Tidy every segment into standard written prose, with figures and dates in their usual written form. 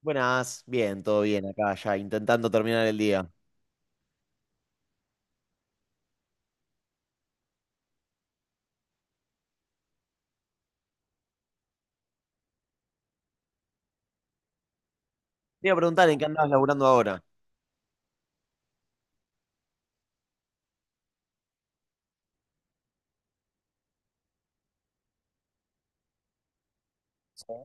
Buenas, bien, todo bien acá ya, intentando terminar el día. Te iba a preguntar en qué andabas laburando ahora. Sí.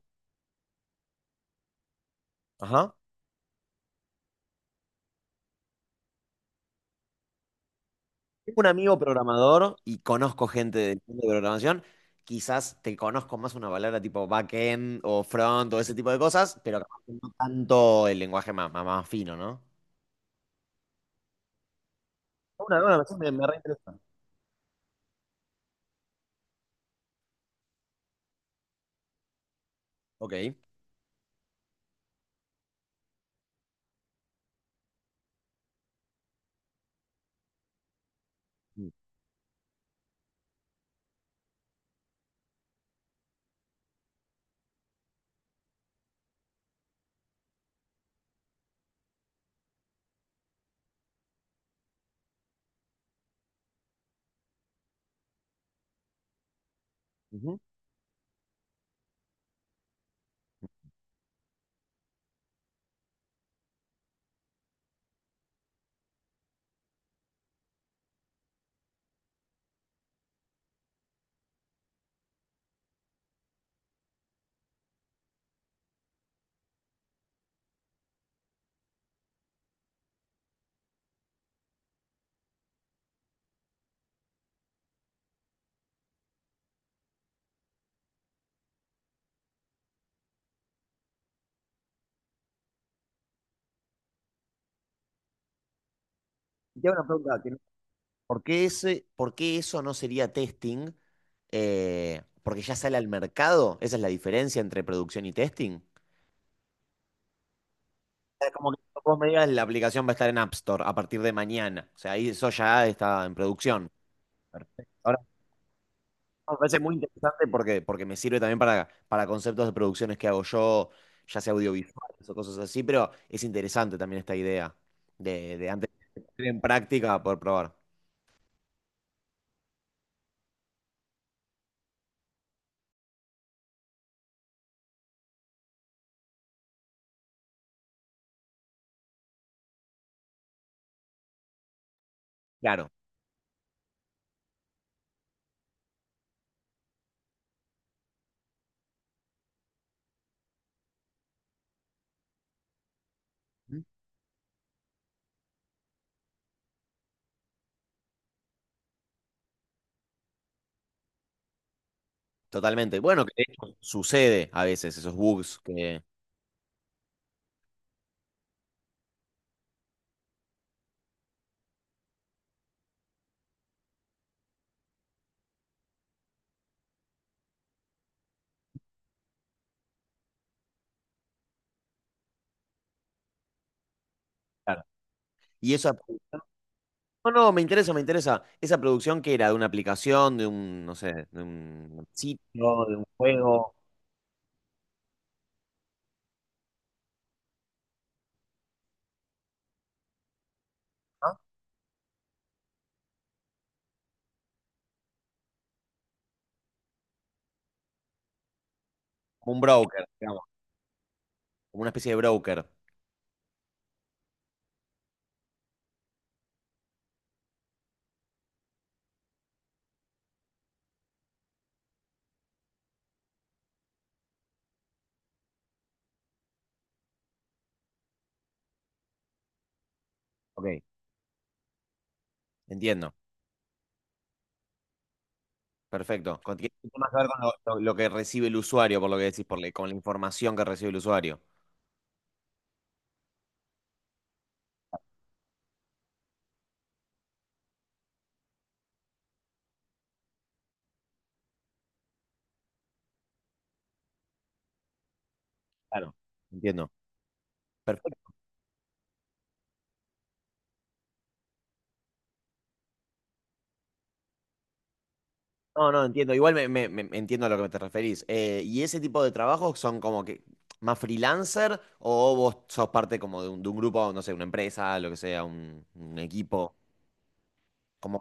Ajá. Tengo un amigo programador y conozco gente del mundo de programación. Quizás te conozco más una palabra tipo backend o front o ese tipo de cosas, pero capaz que no tanto el lenguaje más fino, ¿no? Me reinteresa. Ok. Mm, ujú. Y te hago una pregunta, que no- por qué eso no sería testing? Porque ya sale al mercado. ¿Esa es la diferencia entre producción y testing? Sea, como que cuando vos me digas, la aplicación va a estar en App Store a partir de mañana. O sea, ahí eso ya está en producción. Perfecto. Ahora, me parece muy interesante porque me sirve también para conceptos de producciones que hago yo, ya sea audiovisuales o cosas así, pero es interesante también esta idea de antes de poner en práctica poder probar. Claro. ¿Mm? Totalmente. Bueno, que de hecho sucede a veces esos bugs. Claro. Y eso No, no, me interesa, me interesa. ¿Esa producción que era? ¿De una aplicación? ¿De un, no sé, de un sitio? ¿De un juego? ¿Ah? Como un broker, digamos. Como una especie de broker. Ok, entiendo. Perfecto. Tiene más que ver con lo que recibe el usuario, por lo que decís, con la información que recibe el usuario. Claro, entiendo. Perfecto. No, no, entiendo. Igual entiendo a lo que te referís. ¿Y ese tipo de trabajos son como que más freelancer o vos sos parte como de un grupo, no sé, una empresa, lo que sea, un equipo? Como,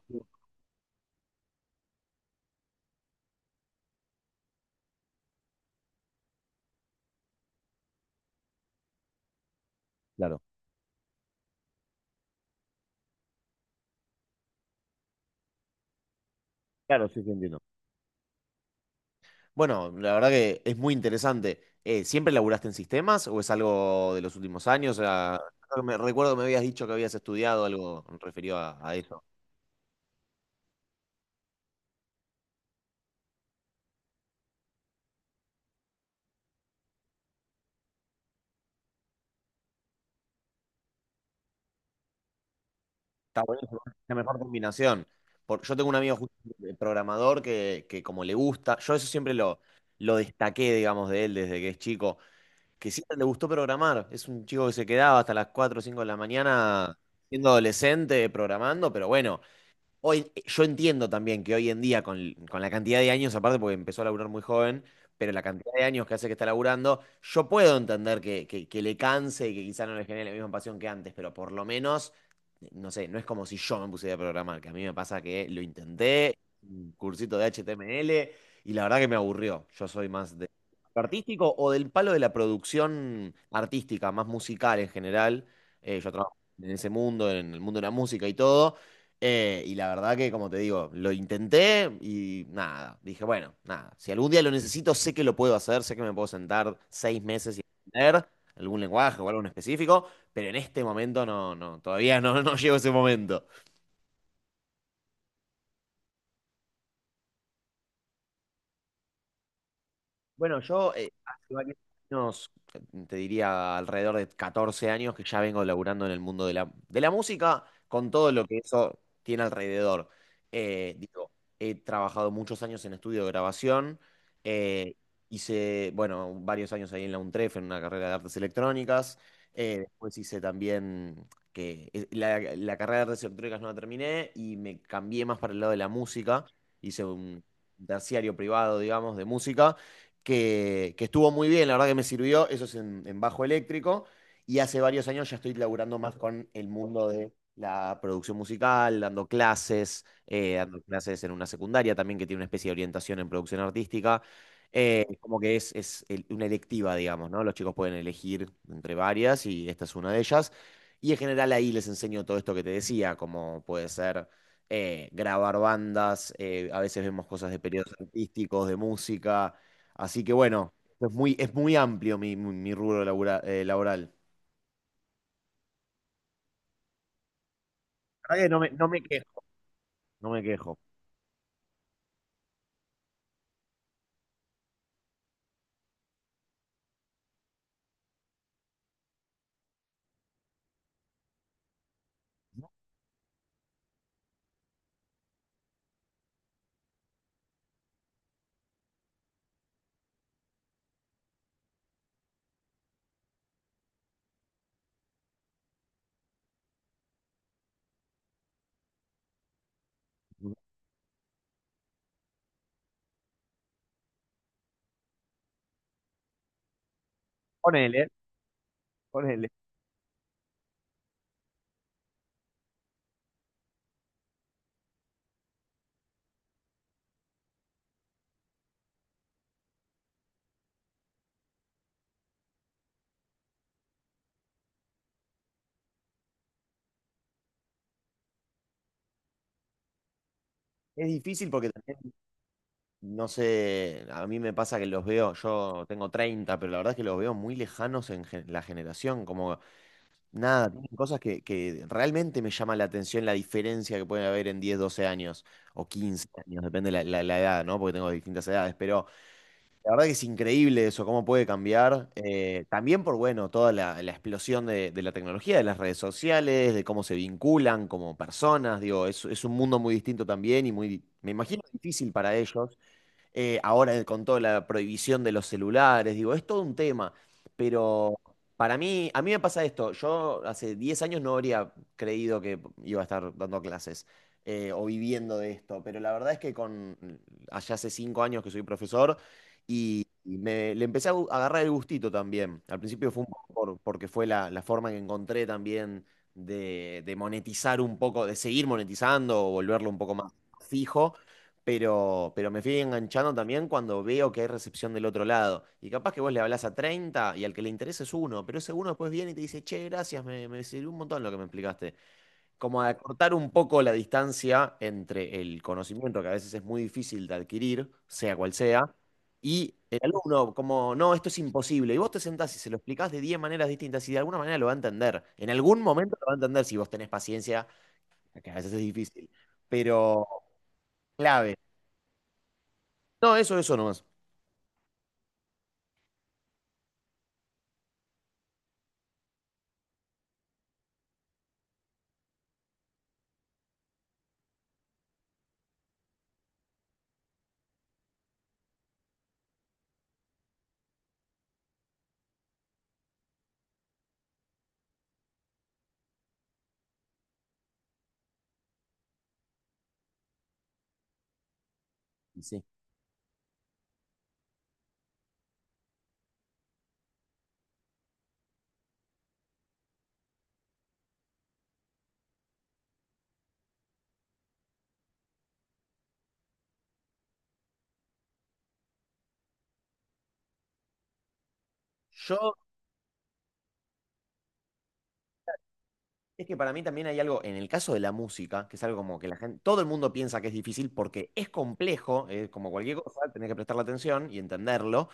claro, claro, sí, sí, entiendo. Bueno, la verdad que es muy interesante. ¿Siempre laburaste en sistemas o es algo de los últimos años? O sea, creo que recuerdo que me habías dicho que habías estudiado algo referido a eso. Está buenísimo, es la mejor combinación. Yo tengo un amigo justo, programador que como le gusta, yo eso siempre lo destaqué, digamos, de él desde que es chico, que siempre le gustó programar. Es un chico que se quedaba hasta las 4 o 5 de la mañana siendo adolescente programando, pero bueno. Hoy, yo entiendo también que hoy en día, con la cantidad de años, aparte porque empezó a laburar muy joven, pero la cantidad de años que hace que está laburando, yo puedo entender que le canse y que quizá no le genere la misma pasión que antes, pero por lo menos, no sé, no es como si yo me pusiera a programar, que a mí me pasa que lo intenté, un cursito de HTML, y la verdad que me aburrió. Yo soy más de lo artístico o del palo de la producción artística, más musical en general. Yo trabajo en ese mundo, en el mundo de la música y todo. Y la verdad que, como te digo, lo intenté y nada, dije, bueno, nada, si algún día lo necesito, sé que lo puedo hacer, sé que me puedo sentar 6 meses y aprender algún lenguaje o algo en específico, pero en este momento no, no, todavía no, no llego a ese momento. Bueno, yo hace varios años, te diría alrededor de 14 años que ya vengo laburando en el mundo de la música, con todo lo que eso tiene alrededor. Digo, he trabajado muchos años en estudio de grabación, eh, hice, bueno, varios años ahí en la UNTREF, en una carrera de artes electrónicas, después hice también, que la carrera de artes electrónicas no la terminé y me cambié más para el lado de la música, hice un terciario privado, digamos, de música que estuvo muy bien, la verdad que me sirvió, eso es en bajo eléctrico, y hace varios años ya estoy laburando más con el mundo de la producción musical, dando clases en una secundaria también que tiene una especie de orientación en producción artística, como que una electiva, digamos, ¿no? Los chicos pueden elegir entre varias y esta es una de ellas, y en general ahí les enseño todo esto que te decía, como puede ser grabar bandas, a veces vemos cosas de periodos artísticos, de música. Así que bueno, es muy amplio mi rubro laboral. La verdad que no me quejo, no me quejo. Ponele, ponele. Es difícil porque también, no sé, a mí me pasa que los veo, yo tengo 30 pero la verdad es que los veo muy lejanos en la generación, como nada, tienen cosas que realmente me llama la atención la diferencia que puede haber en 10 12 años o 15 años, depende la edad, ¿no? Porque tengo distintas edades, pero la verdad que es increíble eso, cómo puede cambiar. También por, bueno, toda la explosión de la tecnología, de las redes sociales, de cómo se vinculan como personas. Digo, es un mundo muy distinto también y muy, me imagino, difícil para ellos ahora con toda la prohibición de los celulares, digo, es todo un tema, pero para mí, a mí me pasa esto, yo hace 10 años no habría creído que iba a estar dando clases o viviendo de esto, pero la verdad es que con, allá hace 5 años que soy profesor y le empecé a agarrar el gustito también, al principio fue un poco porque fue la forma que encontré también de monetizar un poco, de seguir monetizando o volverlo un poco más fijo pero me fui enganchando también cuando veo que hay recepción del otro lado. Y capaz que vos le hablás a 30 y al que le interesa es uno, pero ese uno después viene y te dice, che, gracias, me sirvió un montón lo que me explicaste. Como a cortar un poco la distancia entre el conocimiento, que a veces es muy difícil de adquirir, sea cual sea, y el alumno, como, no, esto es imposible. Y vos te sentás y se lo explicás de 10 maneras distintas y de alguna manera lo va a entender. En algún momento lo va a entender si vos tenés paciencia, que a veces es difícil, pero clave. No, eso nomás. Y sí. Yo, es que para mí también hay algo, en el caso de la música, que es algo como que la gente, todo el mundo piensa que es difícil porque es complejo, es como cualquier cosa, tenés que prestarle atención y entenderlo,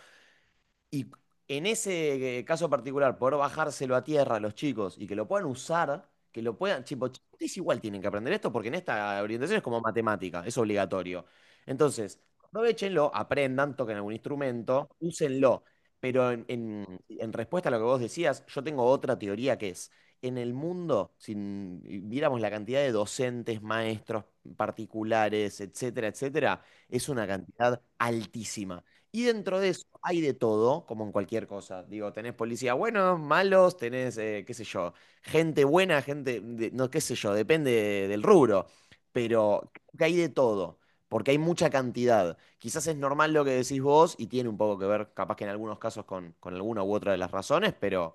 y en ese caso particular, poder bajárselo a tierra a los chicos y que lo puedan usar, que lo puedan, tipo, "Ustedes igual tienen que aprender esto porque en esta orientación es como matemática, es obligatorio. Entonces, aprovechenlo, aprendan, toquen algún instrumento, úsenlo. Pero en respuesta a lo que vos decías, yo tengo otra teoría que es, en el mundo, si viéramos la cantidad de docentes, maestros particulares, etcétera, etcétera, es una cantidad altísima. Y dentro de eso hay de todo, como en cualquier cosa. Digo, tenés policías buenos, malos, tenés, qué sé yo, gente buena, gente, no, qué sé yo, depende del rubro. Pero creo que hay de todo, porque hay mucha cantidad. Quizás es normal lo que decís vos y tiene un poco que ver, capaz que en algunos casos, con alguna u otra de las razones, pero,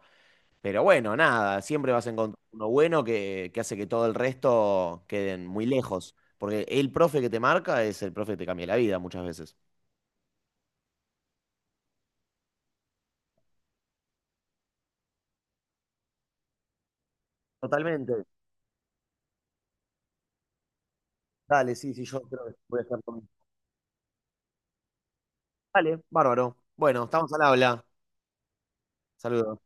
pero bueno, nada, siempre vas a encontrar uno bueno que hace que todo el resto queden muy lejos. Porque el profe que te marca es el profe que te cambia la vida muchas veces. Totalmente. Dale, sí, sí, yo creo que voy a estar conmigo. Dale, bárbaro. Bueno, estamos al habla. Saludos.